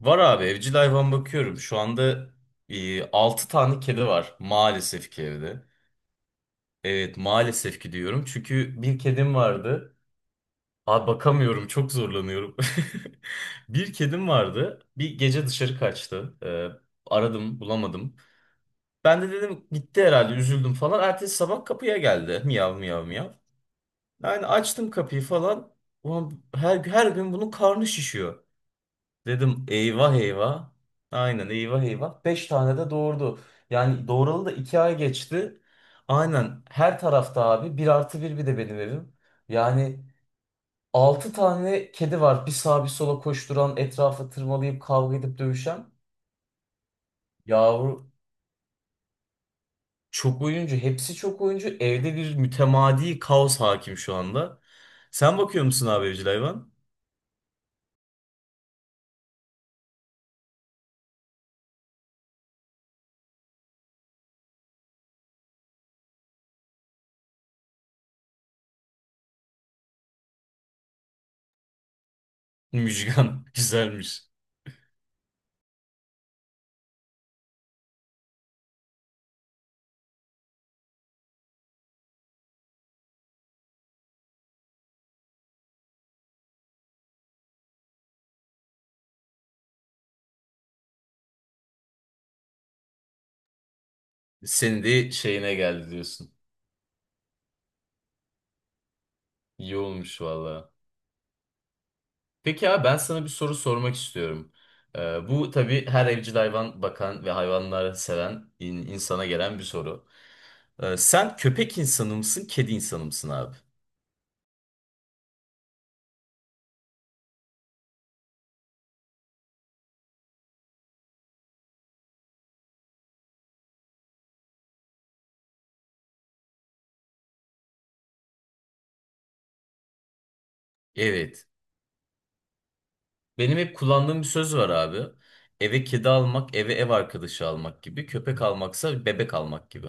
Var abi evcil hayvan bakıyorum. Şu anda 6 tane kedi var maalesef ki evde. Evet maalesef ki diyorum. Çünkü bir kedim vardı. Abi bakamıyorum, çok zorlanıyorum. Bir kedim vardı. Bir gece dışarı kaçtı. Aradım bulamadım. Ben de dedim gitti herhalde, üzüldüm falan. Ertesi sabah kapıya geldi. Miyav miyav miyav. Yani açtım kapıyı falan. Ulan her gün bunun karnı şişiyor. Dedim eyvah eyvah. Aynen eyvah eyvah. 5 tane de doğurdu. Yani doğuralı da 2 ay geçti. Aynen her tarafta abi, bir artı bir, bir de benim evim. Yani 6 tane kedi var. Bir sağa bir sola koşturan, etrafa tırmalayıp kavga edip dövüşen. Yavru çok oyuncu. Hepsi çok oyuncu. Evde bir mütemadi kaos hakim şu anda. Sen bakıyor musun abi evcil hayvan? Müjgan güzelmiş. Senin de şeyine geldi diyorsun. İyi olmuş vallahi. Peki abi, ben sana bir soru sormak istiyorum. Bu tabii her evcil hayvan bakan ve hayvanları seven insana gelen bir soru. Sen köpek insanı mısın, kedi insanı mısın abi? Evet. Benim hep kullandığım bir söz var abi. Eve kedi almak, eve ev arkadaşı almak gibi; köpek almaksa bebek almak gibi.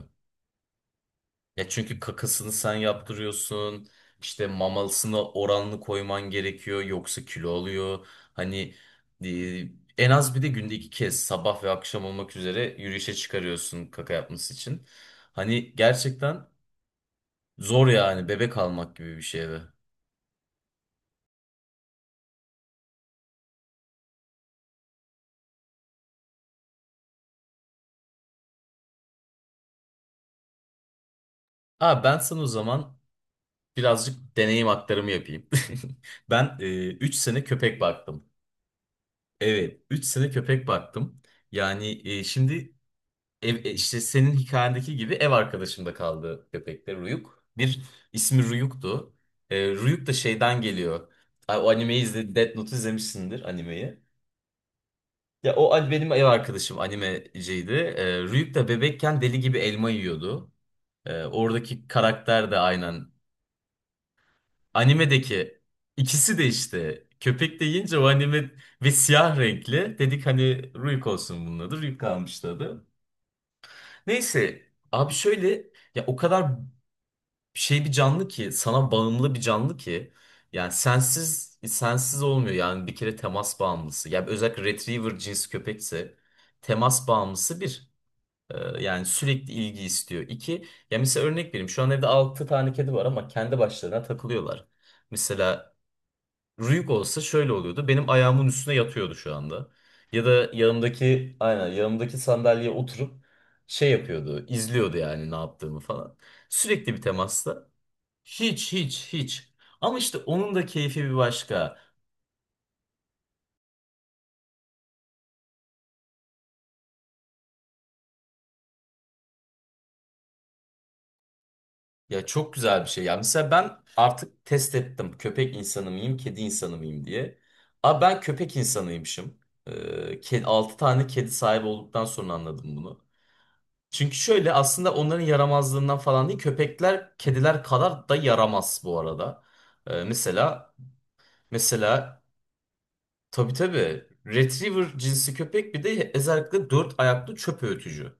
Ya, çünkü kakasını sen yaptırıyorsun. İşte mamalısına oranlı koyman gerekiyor, yoksa kilo alıyor. Hani e, en az bir de günde iki kez, sabah ve akşam olmak üzere yürüyüşe çıkarıyorsun kaka yapması için. Hani gerçekten zor yani, bebek almak gibi bir şey eve. Aa, ben sana o zaman birazcık deneyim aktarımı yapayım. Ben 3 sene köpek baktım. Evet, 3 sene köpek baktım. Yani şimdi işte senin hikayendeki gibi ev arkadaşımda kaldı köpekte Ruyuk. Bir, ismi Ruyuk'tu. Ruyuk da şeyden geliyor. Ay, o animeyi izle, Death Note izlemişsindir animeyi. Ya benim ev arkadaşım animeciydi. Ruyuk da bebekken deli gibi elma yiyordu. Oradaki karakter de aynen. Animedeki ikisi de işte, köpek de yiyince o anime ve siyah renkli. Dedik hani Ruyuk olsun bunun adı. Ruyuk kalmıştı adı. Neyse abi, şöyle: ya o kadar şey bir canlı ki, sana bağımlı bir canlı ki, yani sensiz sensiz olmuyor, yani bir kere temas bağımlısı. Yani özellikle retriever cins köpekse temas bağımlısı bir yani sürekli ilgi istiyor. İki, ya mesela örnek vereyim, şu an evde 6 tane kedi var ama kendi başlarına takılıyorlar. Mesela Rüyük olsa şöyle oluyordu. Benim ayağımın üstüne yatıyordu şu anda. Ya da yanımdaki, aynen yanımdaki sandalyeye oturup şey yapıyordu, izliyordu yani ne yaptığımı falan. Sürekli bir temasta. Hiç hiç hiç. Ama işte onun da keyfi bir başka. Ya çok güzel bir şey. Ya mesela ben artık test ettim, köpek insanı mıyım, kedi insanı mıyım diye. Abi ben köpek insanıymışım. 6 tane kedi sahibi olduktan sonra anladım bunu. Çünkü şöyle, aslında onların yaramazlığından falan değil. Köpekler kediler kadar da yaramaz bu arada. Mesela mesela tabii tabii Retriever cinsi köpek, bir de özellikle dört ayaklı çöp öğütücü.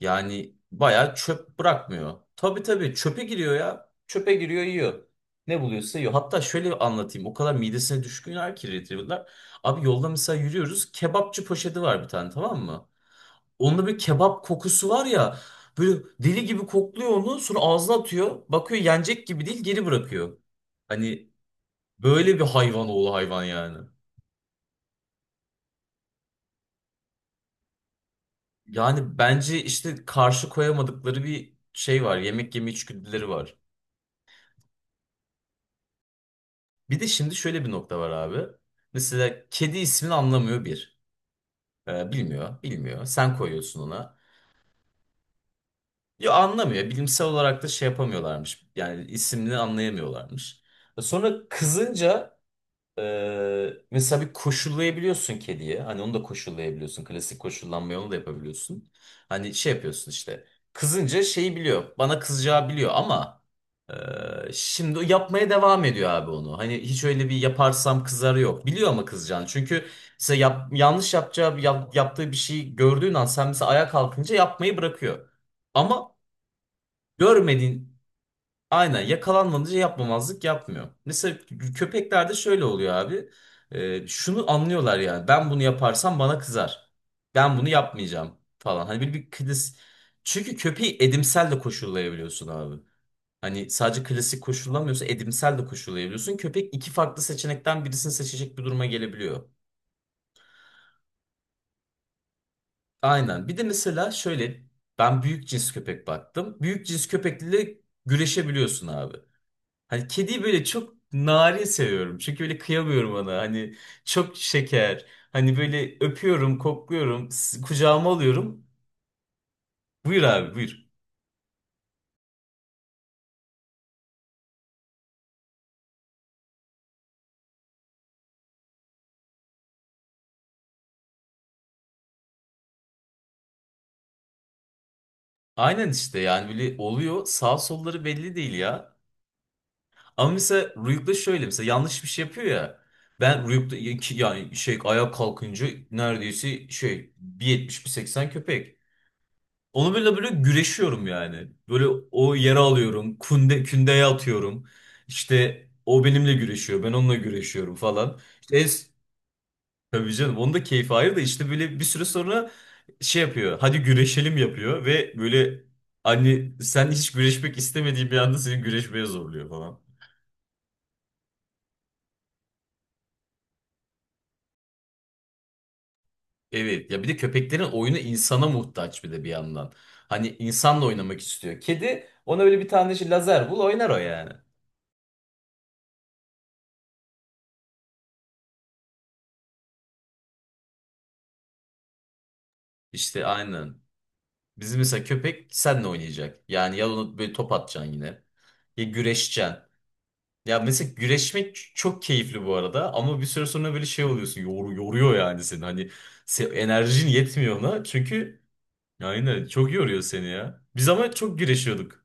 Yani bayağı çöp bırakmıyor. Tabii tabii çöpe giriyor ya. Çöpe giriyor, yiyor. Ne buluyorsa yiyor. Hatta şöyle anlatayım: o kadar midesine düşkünler ki Retriever'lar. Abi yolda mesela yürüyoruz. Kebapçı poşeti var bir tane, tamam mı? Onda bir kebap kokusu var ya. Böyle deli gibi kokluyor onu. Sonra ağzına atıyor. Bakıyor yenecek gibi değil, geri bırakıyor. Hani böyle bir hayvan oğlu hayvan yani. Yani bence işte, karşı koyamadıkları bir şey var. Yemek yeme içgüdüleri var. Bir de şimdi şöyle bir nokta var abi. Mesela kedi ismini anlamıyor, bir. Bilmiyor, bilmiyor. Sen koyuyorsun ona. Ya anlamıyor. Bilimsel olarak da şey yapamıyorlarmış. Yani ismini anlayamıyorlarmış. Sonra kızınca. Mesela bir koşullayabiliyorsun kediye. Hani onu da koşullayabiliyorsun. Klasik koşullanmayı onu da yapabiliyorsun. Hani şey yapıyorsun işte. Kızınca şeyi biliyor. Bana kızacağı biliyor, ama şimdi o yapmaya devam ediyor abi onu. Hani hiç öyle bir yaparsam kızar, yok. Biliyor ama kızacağını. Çünkü mesela yanlış yapacağı, yaptığı bir şey gördüğün an, sen mesela ayağa kalkınca yapmayı bırakıyor. Ama görmediğin, aynen, yakalanmadıca yapmamazlık yapmıyor. Mesela köpeklerde şöyle oluyor abi. Şunu anlıyorlar yani: ben bunu yaparsam bana kızar. Ben bunu yapmayacağım falan. Hani bir klas... Çünkü köpeği edimsel de koşullayabiliyorsun abi. Hani sadece klasik koşullamıyorsa, edimsel de koşullayabiliyorsun. Köpek iki farklı seçenekten birisini seçecek bir duruma gelebiliyor. Aynen. Bir de mesela şöyle, ben büyük cins köpek baktım. Büyük cins köpekle güreşebiliyorsun abi. Hani kediyi böyle çok narin seviyorum. Çünkü böyle kıyamıyorum ona. Hani çok şeker. Hani böyle öpüyorum, kokluyorum, kucağıma alıyorum. Buyur abi, buyur. Aynen işte, yani böyle oluyor. Sağ solları belli değil ya. Ama mesela Rüyuk'ta şöyle, mesela yanlış bir şey yapıyor ya. Ben Rüyuk'ta yani şey, ayağa kalkınca neredeyse şey bir yetmiş, bir 1.80 köpek. Onu böyle böyle güreşiyorum yani. Böyle o yere alıyorum. Kündeye atıyorum. İşte o benimle güreşiyor, ben onunla güreşiyorum falan. İşte tabii canım onun da keyfi ayrı da, işte böyle bir süre sonra şey yapıyor. Hadi güreşelim yapıyor ve böyle, hani sen hiç güreşmek istemediğin bir anda seni güreşmeye zorluyor falan. Evet ya, bir de köpeklerin oyunu insana muhtaç bir de bir yandan. Hani insanla oynamak istiyor. Kedi, ona böyle bir tane şey, lazer bul, oynar o yani. İşte aynen. Bizim mesela köpek seninle oynayacak. Yani ya onu böyle top atacaksın yine, ya güreşeceksin. Ya mesela güreşmek çok keyifli bu arada, ama bir süre sonra böyle şey oluyorsun. Yoruyor yani seni. Hani enerjin yetmiyor ona. Çünkü aynen çok yoruyor seni ya. Biz ama çok güreşiyorduk.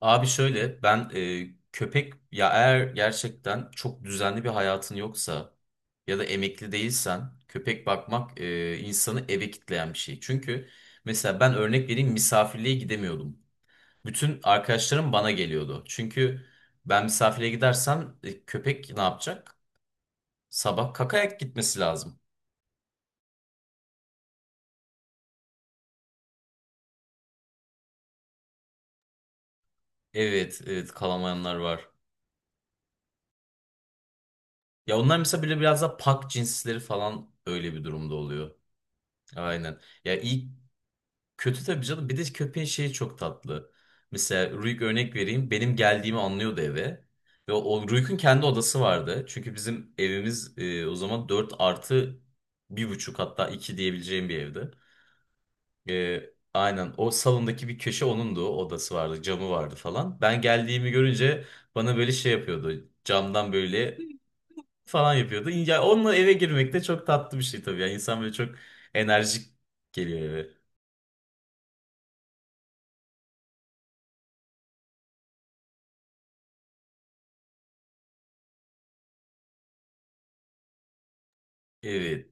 Abi şöyle, ben köpek ya, eğer gerçekten çok düzenli bir hayatın yoksa ya da emekli değilsen, köpek bakmak insanı eve kitleyen bir şey. Çünkü mesela ben örnek vereyim, misafirliğe gidemiyordum. Bütün arkadaşlarım bana geliyordu. Çünkü ben misafirliğe gidersem köpek ne yapacak? Sabah kakayak gitmesi lazım. Evet, evet, kalamayanlar var. Ya onlar mesela böyle biraz da pak cinsleri falan öyle bir durumda oluyor. Aynen. Ya ilk. Kötü tabii canım. Bir de köpeğin şeyi çok tatlı. Mesela Ruik örnek vereyim. Benim geldiğimi anlıyordu eve. Ve o Ruik'un kendi odası vardı. Çünkü bizim evimiz o zaman 4 artı bir buçuk, hatta 2 diyebileceğim bir evdi. E, aynen, o salondaki bir köşe onundu. O, odası vardı, camı vardı falan. Ben geldiğimi görünce bana böyle şey yapıyordu, camdan böyle falan yapıyordu. Ya onunla eve girmek de çok tatlı bir şey tabii. Yani insan böyle çok enerjik geliyor eve. Evet.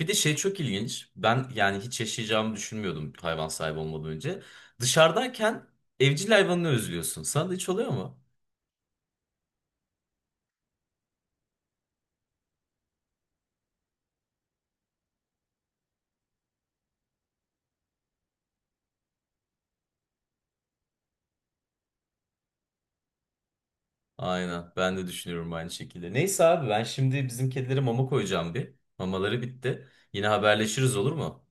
Bir de şey çok ilginç. Ben yani hiç yaşayacağımı düşünmüyordum hayvan sahibi olmadan önce. Dışarıdayken evcil hayvanını özlüyorsun. Sana da hiç oluyor mu? Aynen. Ben de düşünüyorum aynı şekilde. Neyse abi, ben şimdi bizim kedilere mama koyacağım bir. Mamaları bitti. Yine haberleşiriz, olur mu?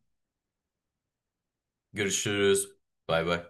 Görüşürüz. Bay bay.